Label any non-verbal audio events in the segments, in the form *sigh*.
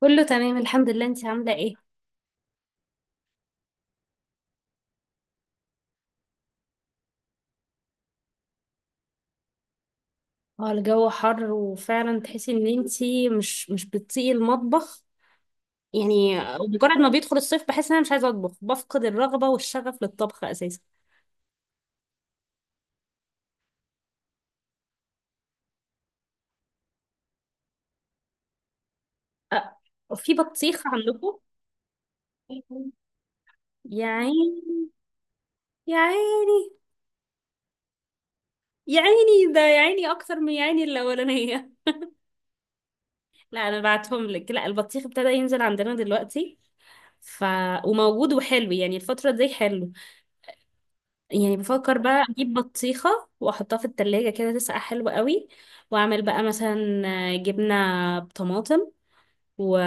كله تمام الحمد لله انتي عاملة ايه؟ اه الجو حر وفعلا تحسي ان انتي مش بتطيقي المطبخ. يعني مجرد ما بيدخل الصيف بحس ان انا مش عايزة اطبخ، بفقد الرغبة والشغف للطبخ اساسا. اه، في بطيخ عندكم؟ يا عيني، يا عيني. يا عيني ده، يا عيني اكتر من يا عيني الاولانية. *laughs* لا، انا بعتهم لك. لا، البطيخ ابتدى ينزل عندنا دلوقتي ف وموجود وحلو، يعني الفترة دي حلو. يعني بفكر بقى اجيب بطيخة واحطها في التلاجة كده تسقع حلو قوي. واعمل بقى مثلا جبنة بطماطم و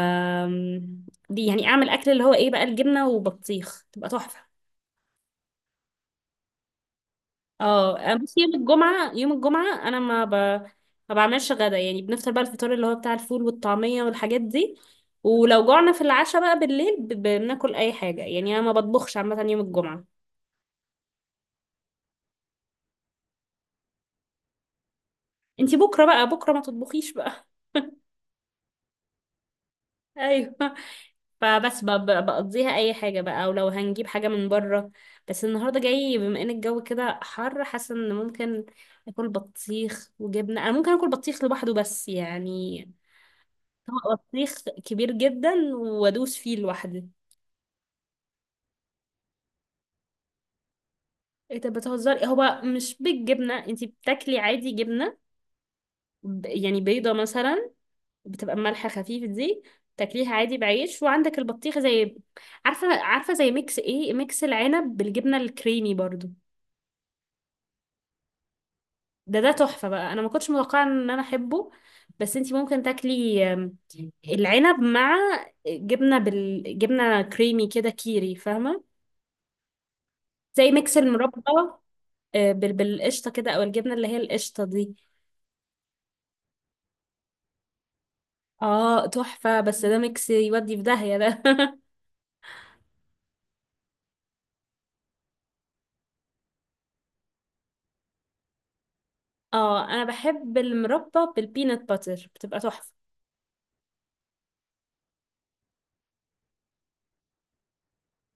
دي، يعني اعمل اكل اللي هو ايه بقى، الجبنة وبطيخ تبقى تحفة. اه، بس يوم الجمعة، يوم الجمعة، انا ما بعملش غدا. يعني بنفطر بقى، الفطار اللي هو بتاع الفول والطعمية والحاجات دي. ولو جوعنا في العشاء بقى بالليل بناكل اي حاجة. يعني انا ما بطبخش عامة يوم الجمعة. انتي بكرة بقى، بكرة ما تطبخيش بقى. *laughs* ايوه. فبس بقضيها اي حاجه بقى، او لو هنجيب حاجه من بره. بس النهارده جاي، بما ان الجو كده حر، حاسه ان ممكن اكل بطيخ وجبنه، انا ممكن اكل بطيخ لوحده، بس يعني طبق بطيخ كبير جدا وادوس فيه لوحدي. ايه ده، بتهزري؟ هو مش بالجبنه، انتي بتاكلي عادي جبنه، يعني بيضه مثلا، بتبقى ملح خفيف دي، تاكليها عادي بعيش وعندك البطيخ. زي عارفه زي ميكس، ايه، ميكس العنب بالجبنه الكريمي برضو. ده تحفة بقى، انا ما كنتش متوقعة ان انا احبه. بس انتي ممكن تاكلي العنب مع جبنة جبنة كريمي كده، كيري، فاهمة؟ زي ميكس المربى، بالقشطة كده، او الجبنة اللي هي القشطة دي. اه تحفة، بس ده ميكس يودي في داهية ده. *laughs* اه انا بحب المربى بالبينات باتر، بتبقى تحفة.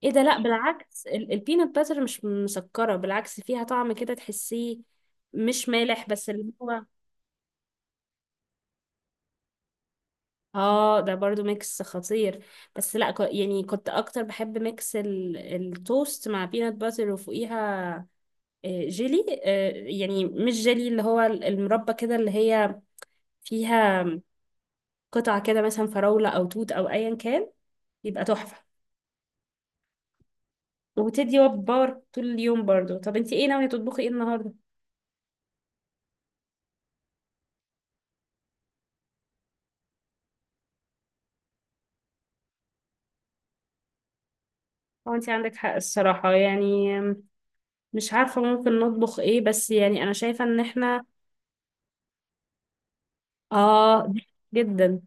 ايه ده، لا بالعكس، البينات باتر مش مسكرة، بالعكس فيها طعم كده تحسيه مش مالح بس اللي هو. اه، ده برضو ميكس خطير. بس لا، يعني كنت اكتر بحب ميكس التوست مع بينات باتر، وفوقيها جيلي. يعني مش جيلي، اللي هو المربى كده، اللي هي فيها قطع كده، مثلا فراولة او توت او ايا كان. يبقى تحفة. وبتدي باور طول اليوم برضو. طب انتي ايه ناوية تطبخي ايه النهاردة؟ هو انتي عندك حق الصراحة، يعني مش عارفة ممكن نطبخ ايه، بس يعني انا شايفة ان احنا اه جدا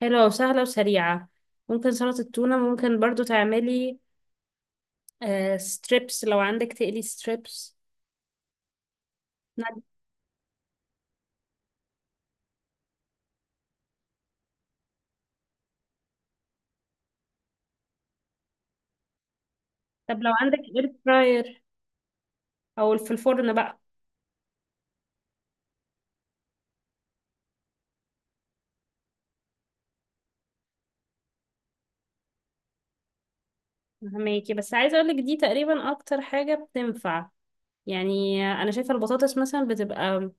حلوة وسهلة وسريعة. ممكن سلطة التونة، ممكن برضو تعملي ستريبس لو عندك، تقلي ستريبس. طب لو عندك اير فراير، او في الفرن بقى. فهماكي، بس عايزة اقولك دي تقريبا اكتر حاجة بتنفع. يعني انا شايفة البطاطس مثلا بتبقى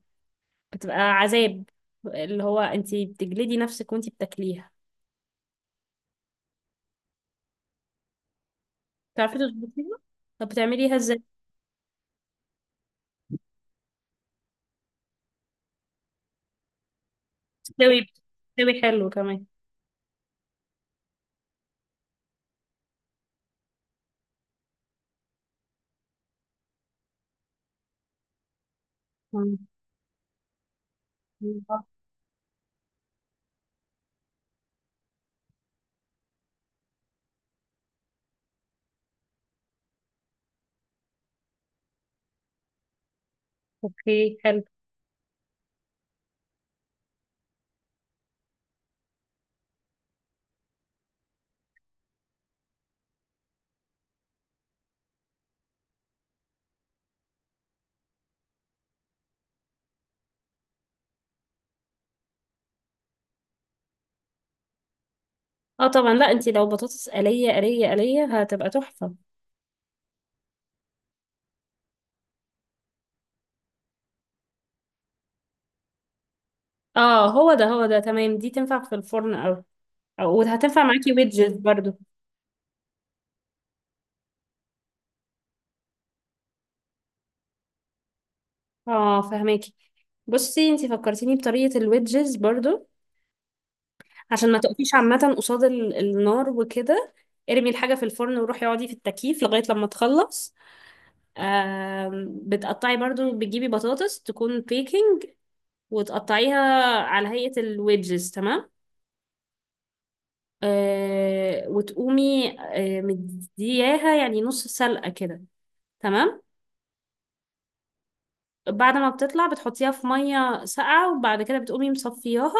بتبقى عذاب، اللي هو انتي بتجلدي نفسك وانتي بتاكليها. تعرفي تظبطيها؟ طب بتعمليها ازاي؟ بتستوي حلو كمان. مم. اوكي، حلو. اه طبعا، لا انتي لو بطاطس قلية قلية قلية هتبقى تحفة. اه هو ده، هو ده تمام، دي تنفع في الفرن، او او وهتنفع معاكي ويدجز برضو. اه فهماكي. بصي انتي فكرتيني بطريقة الويدجز برضو، عشان ما تقفيش عامة قصاد النار وكده. ارمي الحاجة في الفرن وروحي اقعدي في التكييف لغاية لما تخلص. بتقطعي برضو، بتجيبي بطاطس تكون بيكنج، وتقطعيها على هيئة الويدجز، تمام. وتقومي مدياها يعني نص سلقة كده، تمام. بعد ما بتطلع بتحطيها في مية ساقعة، وبعد كده بتقومي مصفياها،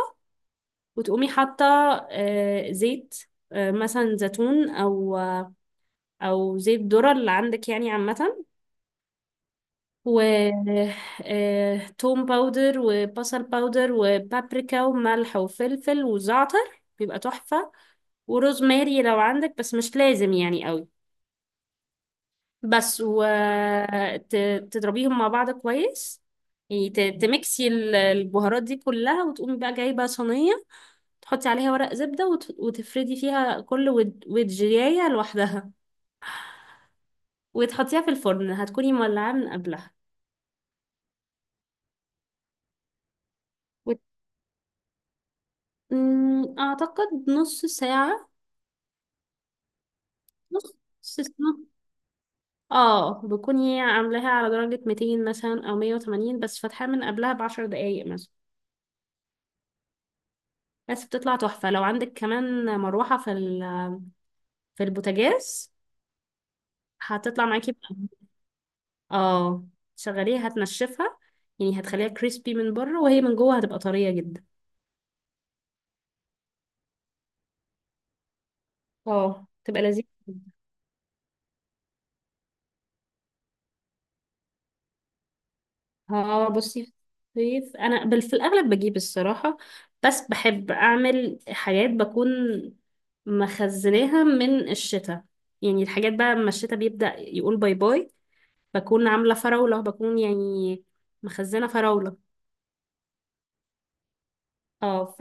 وتقومي حاطة زيت، مثلا زيتون، او زيت ذرة اللي عندك يعني عامة. و توم باودر وبصل باودر وبابريكا وملح وفلفل وزعتر بيبقى تحفة. وروزماري لو عندك، بس مش لازم يعني قوي. بس وتضربيهم مع بعض كويس، يعني تمكسي البهارات دي كلها، وتقومي بقى جايبة صينية تحطي عليها ورق زبدة، وتفردي فيها كل ودجاية لوحدها، وتحطيها في الفرن هتكوني مولعاه من قبلها. وت... مم، أعتقد نص ساعة. نص ساعة، اه، بكوني عاملاها على درجة 200 مثلا أو 180، بس فاتحاها من قبلها ب10 دقايق مثلا. بس بتطلع تحفة لو عندك كمان مروحة في البوتاجاز هتطلع معاكي بقى. اه شغليها هتنشفها، يعني هتخليها كريسبي من بره، وهي من جوه هتبقى طرية جدا. اه تبقى لذيذة جدا. اه بصي، في الصيف انا في الاغلب بجيب الصراحة، بس بحب اعمل حاجات بكون مخزناها من الشتاء. يعني الحاجات بقى لما الشتاء بيبدأ يقول باي باي بكون عاملة فراولة، بكون يعني مخزنة فراولة. اه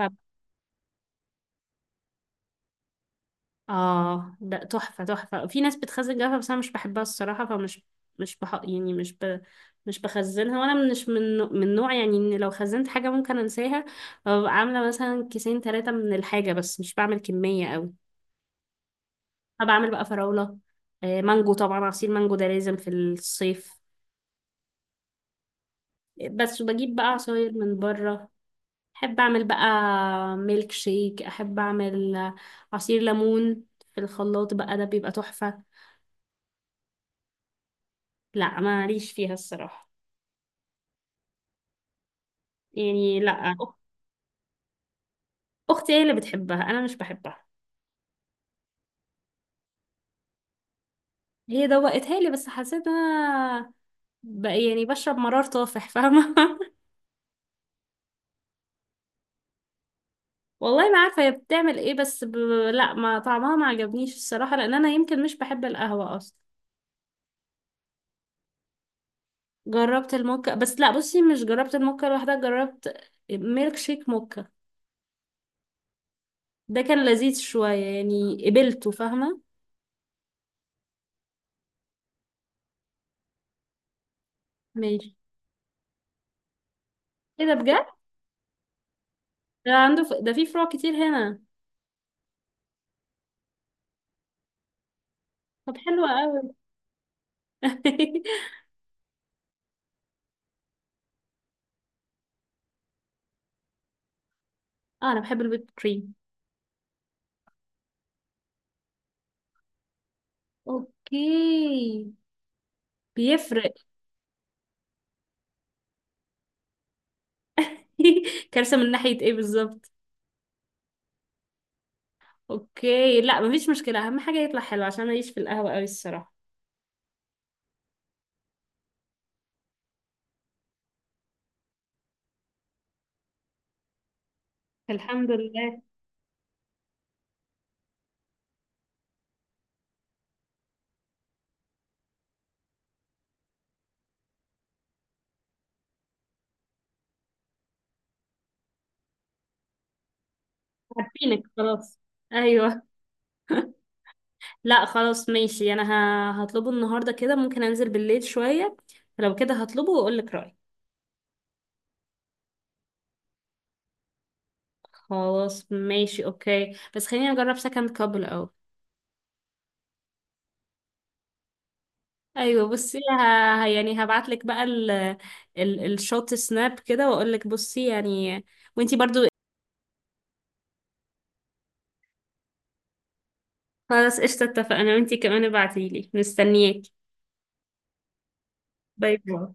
اه ده تحفة، تحفة. في ناس بتخزن جافة، بس انا مش بحبها الصراحة، فمش مش بح... يعني مش ب... مش بخزنها. وانا مش من نوع يعني، ان لو خزنت حاجة ممكن انساها، ببقى عاملة مثلا كيسين ثلاثة من الحاجة بس مش بعمل كمية قوي. انا بعمل بقى فراولة، مانجو طبعا، عصير مانجو ده لازم في الصيف. بس بجيب بقى عصاير من بره، احب اعمل بقى ميلك شيك، احب اعمل عصير ليمون في الخلاط بقى، ده بيبقى تحفة. لا ماليش فيها الصراحة، يعني لا، اختي هي اللي بتحبها، انا مش بحبها. هي دوقتها لي بس حسيت إن انا يعني بشرب مرار طافح، فاهمه؟ *laughs* والله ما عارفه هي بتعمل ايه، بس لا، ما طعمها ما عجبنيش الصراحه، لان انا يمكن مش بحب القهوه اصلا. جربت الموكا، بس لا بصي مش جربت الموكا لوحدها، جربت ميلك شيك موكا، ده كان لذيذ شويه يعني، قبلته فاهمه. ماشي. ايه ده، بجد؟ ده في فروع كتير هنا. طب حلوة قوي. *laughs* اه انا بحب الويب كريم. اوكي، بيفرق. *laughs* كارثة من ناحية ايه بالظبط؟ اوكي، لا مفيش مشكلة، اهم حاجة يطلع حلو عشان اعيش في القهوة قوي الصراحة. الحمد لله. عارفينك خلاص. ايوه. *laughs* لا خلاص ماشي، انا هطلبه النهاردة كده، ممكن انزل بالليل شوية، لو كده هطلبه واقول لك رأيي. خلاص ماشي اوكي، بس خليني اجرب سكند كاب الاول. ايوه بصي، يعني هبعت لك بقى الشوت سناب كده، واقول لك، بصي يعني، وانتي برضو. خلاص قشطة اتفقنا، وانتي كمان ابعتيلي، مستنياكي. باي باي.